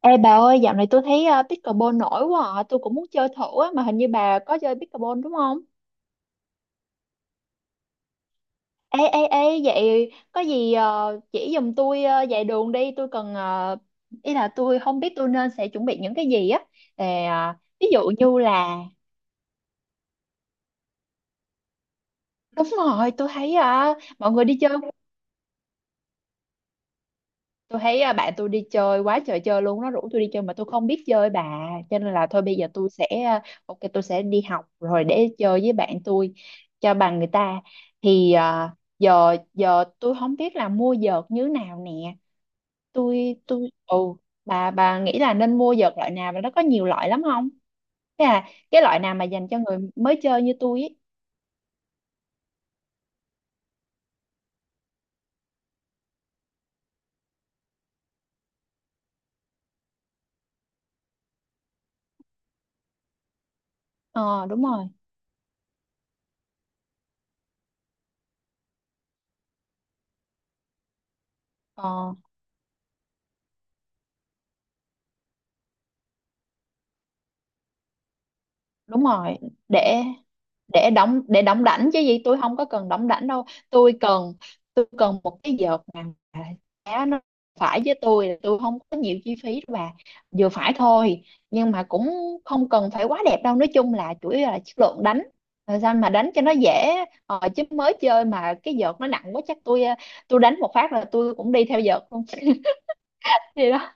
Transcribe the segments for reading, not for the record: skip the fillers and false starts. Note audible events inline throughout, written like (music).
Ê bà ơi, dạo này tôi thấy pickleball nổi quá à. Tôi cũng muốn chơi thử á, mà hình như bà có chơi pickleball đúng không? Ê, ê, ê, vậy có gì chỉ giùm tôi vài đường đi. Tôi cần, ý là tôi không biết tôi nên sẽ chuẩn bị những cái gì á. Ờ, ví dụ như là, đúng rồi, tôi thấy mọi người đi chơi, tôi thấy bạn tôi đi chơi quá trời chơi luôn, nó rủ tôi đi chơi mà tôi không biết chơi bà, cho nên là thôi bây giờ tôi sẽ ok, tôi sẽ đi học rồi để chơi với bạn tôi cho bằng người ta. Thì giờ giờ tôi không biết là mua vợt như nào nè. Tôi bà nghĩ là nên mua vợt loại nào và nó có nhiều loại lắm không, thế là cái loại nào mà dành cho người mới chơi như tôi ấy? Ờ đúng rồi. Ờ đúng rồi, để để đóng, để đóng đảnh chứ gì, tôi không có cần đóng đảnh đâu. Tôi cần, tôi cần một cái vợt mà giá nó phải với tôi, là tôi không có nhiều chi phí đâu bà, vừa phải thôi, nhưng mà cũng không cần phải quá đẹp đâu. Nói chung là chủ yếu là chất lượng đánh, làm sao mà đánh cho nó dễ. Chứ mới chơi mà cái vợt nó nặng quá, chắc tôi tôi đánh một phát là tôi cũng đi theo vợt luôn. (laughs) Đi đó.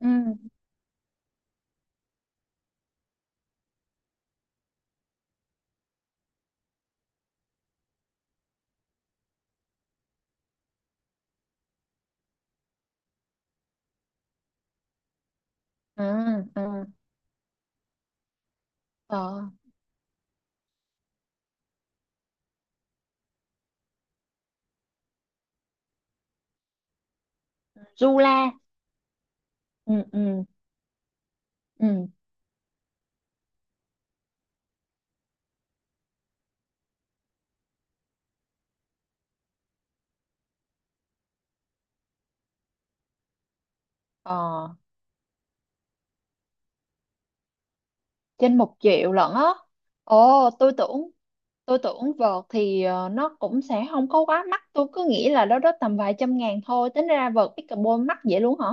Ừ. Ừ. Ừ. Ờ. Zula. Ừ. Ừ. Ừ. Ờ. Trên một triệu lận á? Ồ tôi tưởng, tôi tưởng vợt thì nó cũng sẽ không có quá mắc. Tôi cứ nghĩ là đó đó tầm vài trăm ngàn thôi. Tính ra vợt pickleball mắc vậy luôn hả?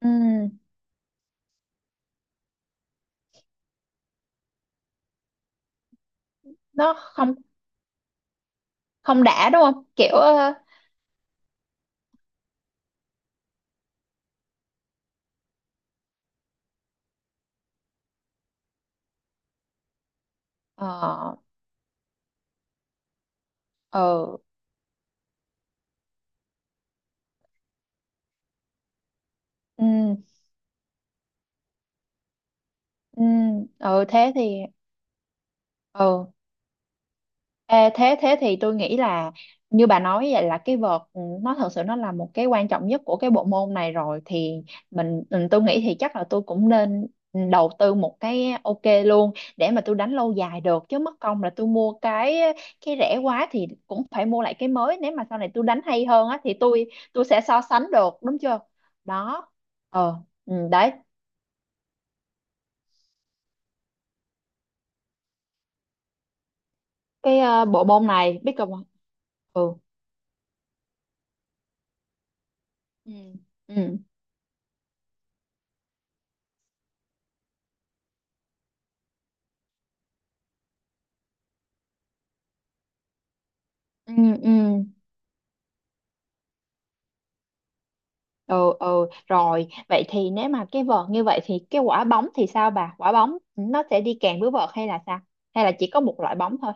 Ừ. Nó không, không đã đúng không, kiểu ờ. Ờ. Ừ. Ừ. Ừ. Ừ, thế thì. Ừ. Ê, thế thế thì tôi nghĩ là như bà nói vậy là cái vợt ừ, nó thật sự nó là một cái quan trọng nhất của cái bộ môn này rồi. Thì mình ừ, tôi nghĩ thì chắc là tôi cũng nên đầu tư một cái, ok luôn, để mà tôi đánh lâu dài được, chứ mất công là tôi mua cái rẻ quá thì cũng phải mua lại cái mới. Nếu mà sau này tôi đánh hay hơn á thì tôi sẽ so sánh được đúng chưa. Đó. Ờ. Ừ, đấy, cái bộ môn này biết không. Ừ. Ừ. Ừ. Ừ. Ừ. Ừ. Ừ rồi, vậy thì nếu mà cái vợt như vậy thì cái quả bóng thì sao bà? Quả bóng nó sẽ đi kèm với vợt hay là sao, hay là chỉ có một loại bóng thôi?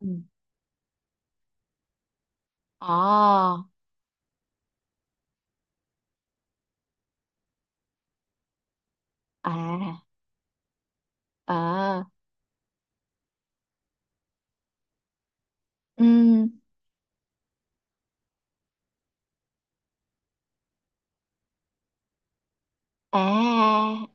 Ừ. Ồ. À. À. Ừm. À.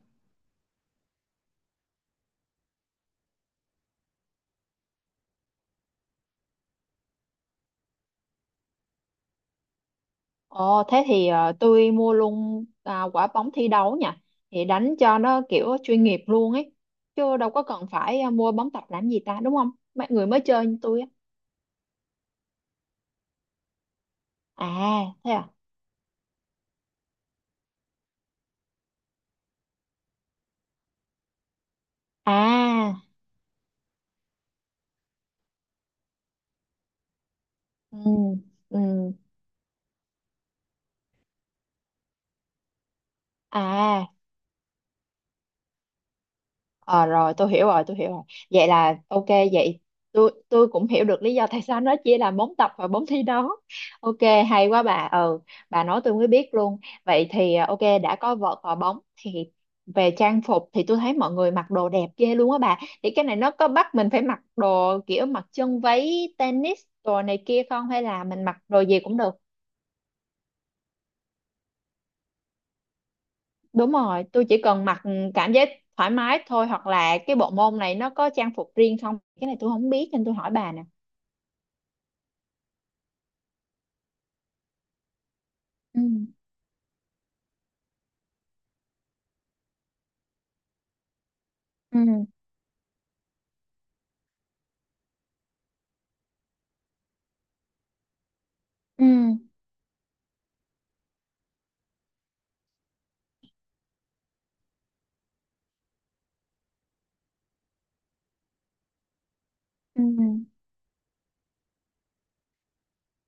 Ồ, thế thì tôi mua luôn à, quả bóng thi đấu nha, thì đánh cho nó kiểu chuyên nghiệp luôn ấy, chứ đâu có cần phải mua bóng tập làm gì ta, đúng không? Mấy người mới chơi như tôi á. À, thế à? À. Ừm. Ừm. À. Ờ rồi tôi hiểu rồi, tôi hiểu rồi. Vậy là ok. Vậy tôi cũng hiểu được lý do tại sao nó chia làm bốn tập và bốn thi đấu. Ok, hay quá bà. Ừ, bà nói tôi mới biết luôn. Vậy thì ok, đã có vợt và bóng thì về trang phục, thì tôi thấy mọi người mặc đồ đẹp ghê luôn á bà. Thì cái này nó có bắt mình phải mặc đồ kiểu mặc chân váy tennis đồ này kia không, hay là mình mặc đồ gì cũng được? Đúng rồi, tôi chỉ cần mặc ừ, cảm giác thoải mái thôi, hoặc là cái bộ môn này nó có trang phục riêng không, cái này tôi không biết nên tôi hỏi bà nè. Ừ. Ừ. Ừ. Ừ.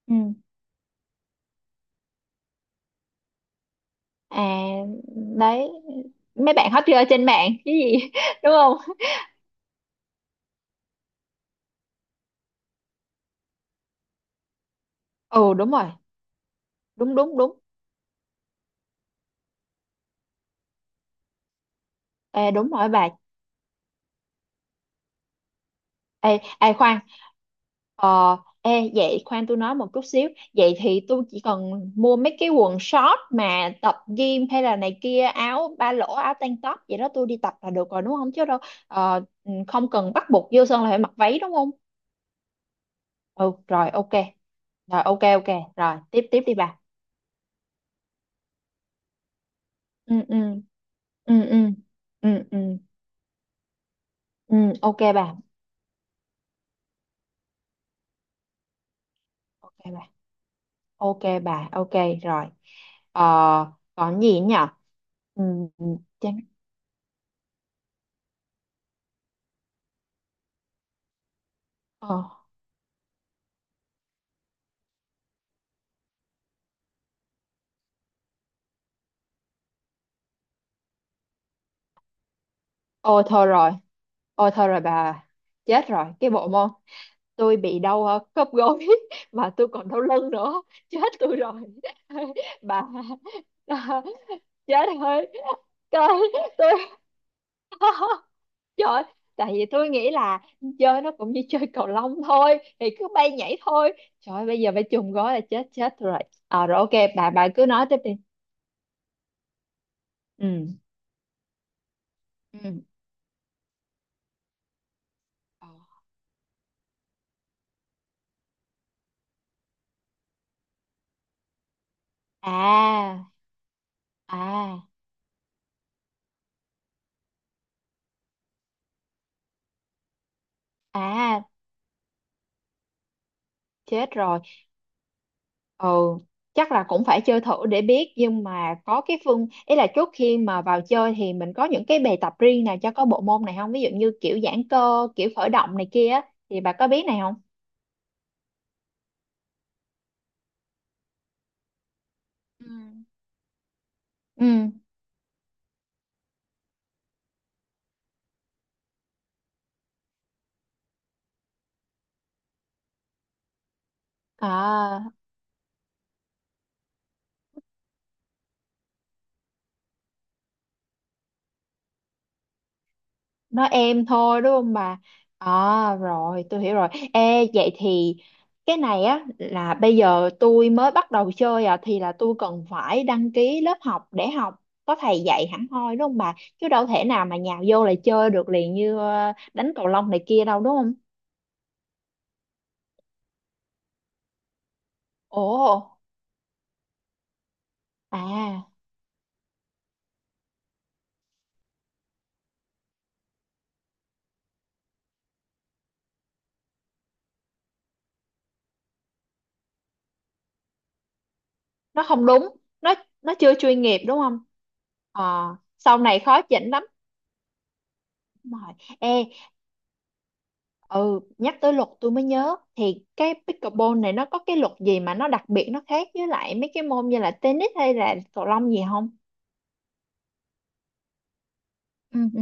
Ừ. À, đấy, mấy bạn hot girl trên mạng cái gì (laughs) đúng không. Ừ đúng rồi. Đúng, đúng, đúng. Ê đúng rồi bà. Ê, ê khoan. Ờ. Ê vậy khoan tôi nói một chút xíu. Vậy thì tôi chỉ cần mua mấy cái quần short mà tập gym hay là này kia, áo ba lỗ, áo tank top vậy đó, tôi đi tập là được rồi đúng không? Chứ đâu, ờ, không cần bắt buộc vô sân là phải mặc váy đúng không? Ừ rồi ok. Rồi ok, ok rồi, tiếp tiếp đi bà. Ừ. Ừ. Ừ. Ừ. Ừ. Ừ. Ừ. Ok bà. Ok bà. Ok bà. Ok rồi. Ờ, còn gì nhỉ. Ừ. Ừ, chán. Ờ. Ô thôi rồi, ô thôi rồi bà. Chết rồi cái bộ môn. Tôi bị đau khớp gối (laughs) mà tôi còn đau lưng nữa. Chết tôi rồi. (laughs) Bà. (laughs) Chết thôi. Trời, tôi. (laughs) Trời. Tại vì tôi nghĩ là chơi nó cũng như chơi cầu lông thôi, thì cứ bay nhảy thôi. Trời bây giờ phải chùm gói là chết chết rồi. À, rồi ok. Bà cứ nói tiếp đi. Ừ. Ừ. Ờ. À. À. À. Chết rồi. Ừ, chắc là cũng phải chơi thử để biết, nhưng mà có cái phương, ý là trước khi mà vào chơi thì mình có những cái bài tập riêng nào cho có bộ môn này không, ví dụ như kiểu giãn cơ, kiểu khởi động này kia á, thì bà có biết này không? Ừ. Ừ. À, nói em thôi đúng không bà? À, rồi, tôi hiểu rồi. Ê, vậy thì cái này á là bây giờ tôi mới bắt đầu chơi à, thì là tôi cần phải đăng ký lớp học để học, có thầy dạy hẳn hoi đúng không bà? Chứ đâu thể nào mà nhào vô là chơi được liền như đánh cầu lông này kia đâu đúng không? Ồ. À, nó không đúng. Nó nó chưa chuyên nghiệp đúng không? Ờ, sau này khó chỉnh lắm. Đúng rồi. Ê. Ừ, nhắc tới luật tôi mới nhớ, thì cái pickleball này nó có cái luật gì mà nó đặc biệt, nó khác với lại mấy cái môn như là tennis hay là cầu lông gì không? Ừ. Ừ.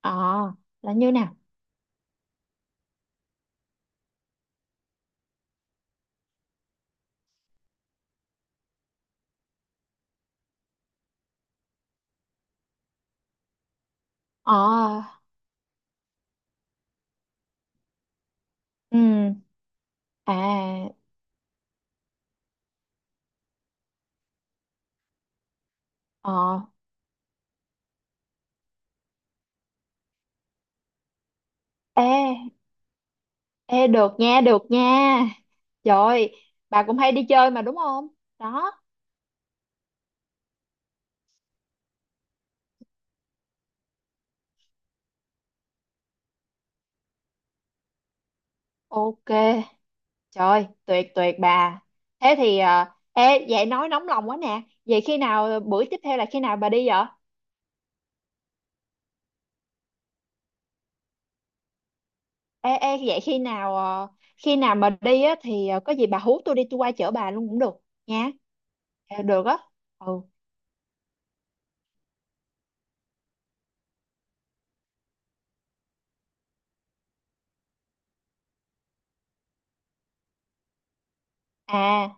Ờ, là như nào? Ờ. Ừ. À. Ờ. Ê, ê, được nha, được nha. Trời, bà cũng hay đi chơi mà đúng không? Đó. Ok. Trời, tuyệt tuyệt bà. Thế thì, à, ê, vậy nói nóng lòng quá nè. Vậy khi nào, bữa tiếp theo là khi nào bà đi vậy? Ê, ê, vậy khi nào khi nào mà đi á thì có gì bà hú tôi đi, tôi qua chở bà luôn cũng được nha. Ờ, được á. Ừ. À.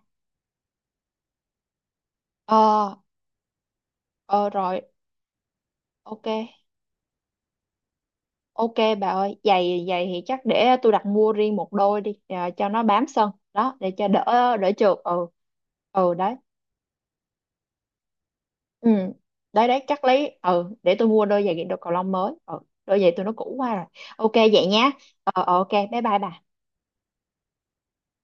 Ờ. Ờ rồi ok. Ok, bà ơi, giày giày thì chắc để tôi đặt mua riêng một đôi đi, cho nó bám sân đó, để cho đỡ đỡ trượt. Ừ. Ừ đấy. Ừ đấy, đấy chắc lấy, ừ để tôi mua đôi giày đôi cầu lông mới. Ừ đôi giày tôi nó cũ quá rồi. Ok vậy nhá. Ờ ok bye bye bà.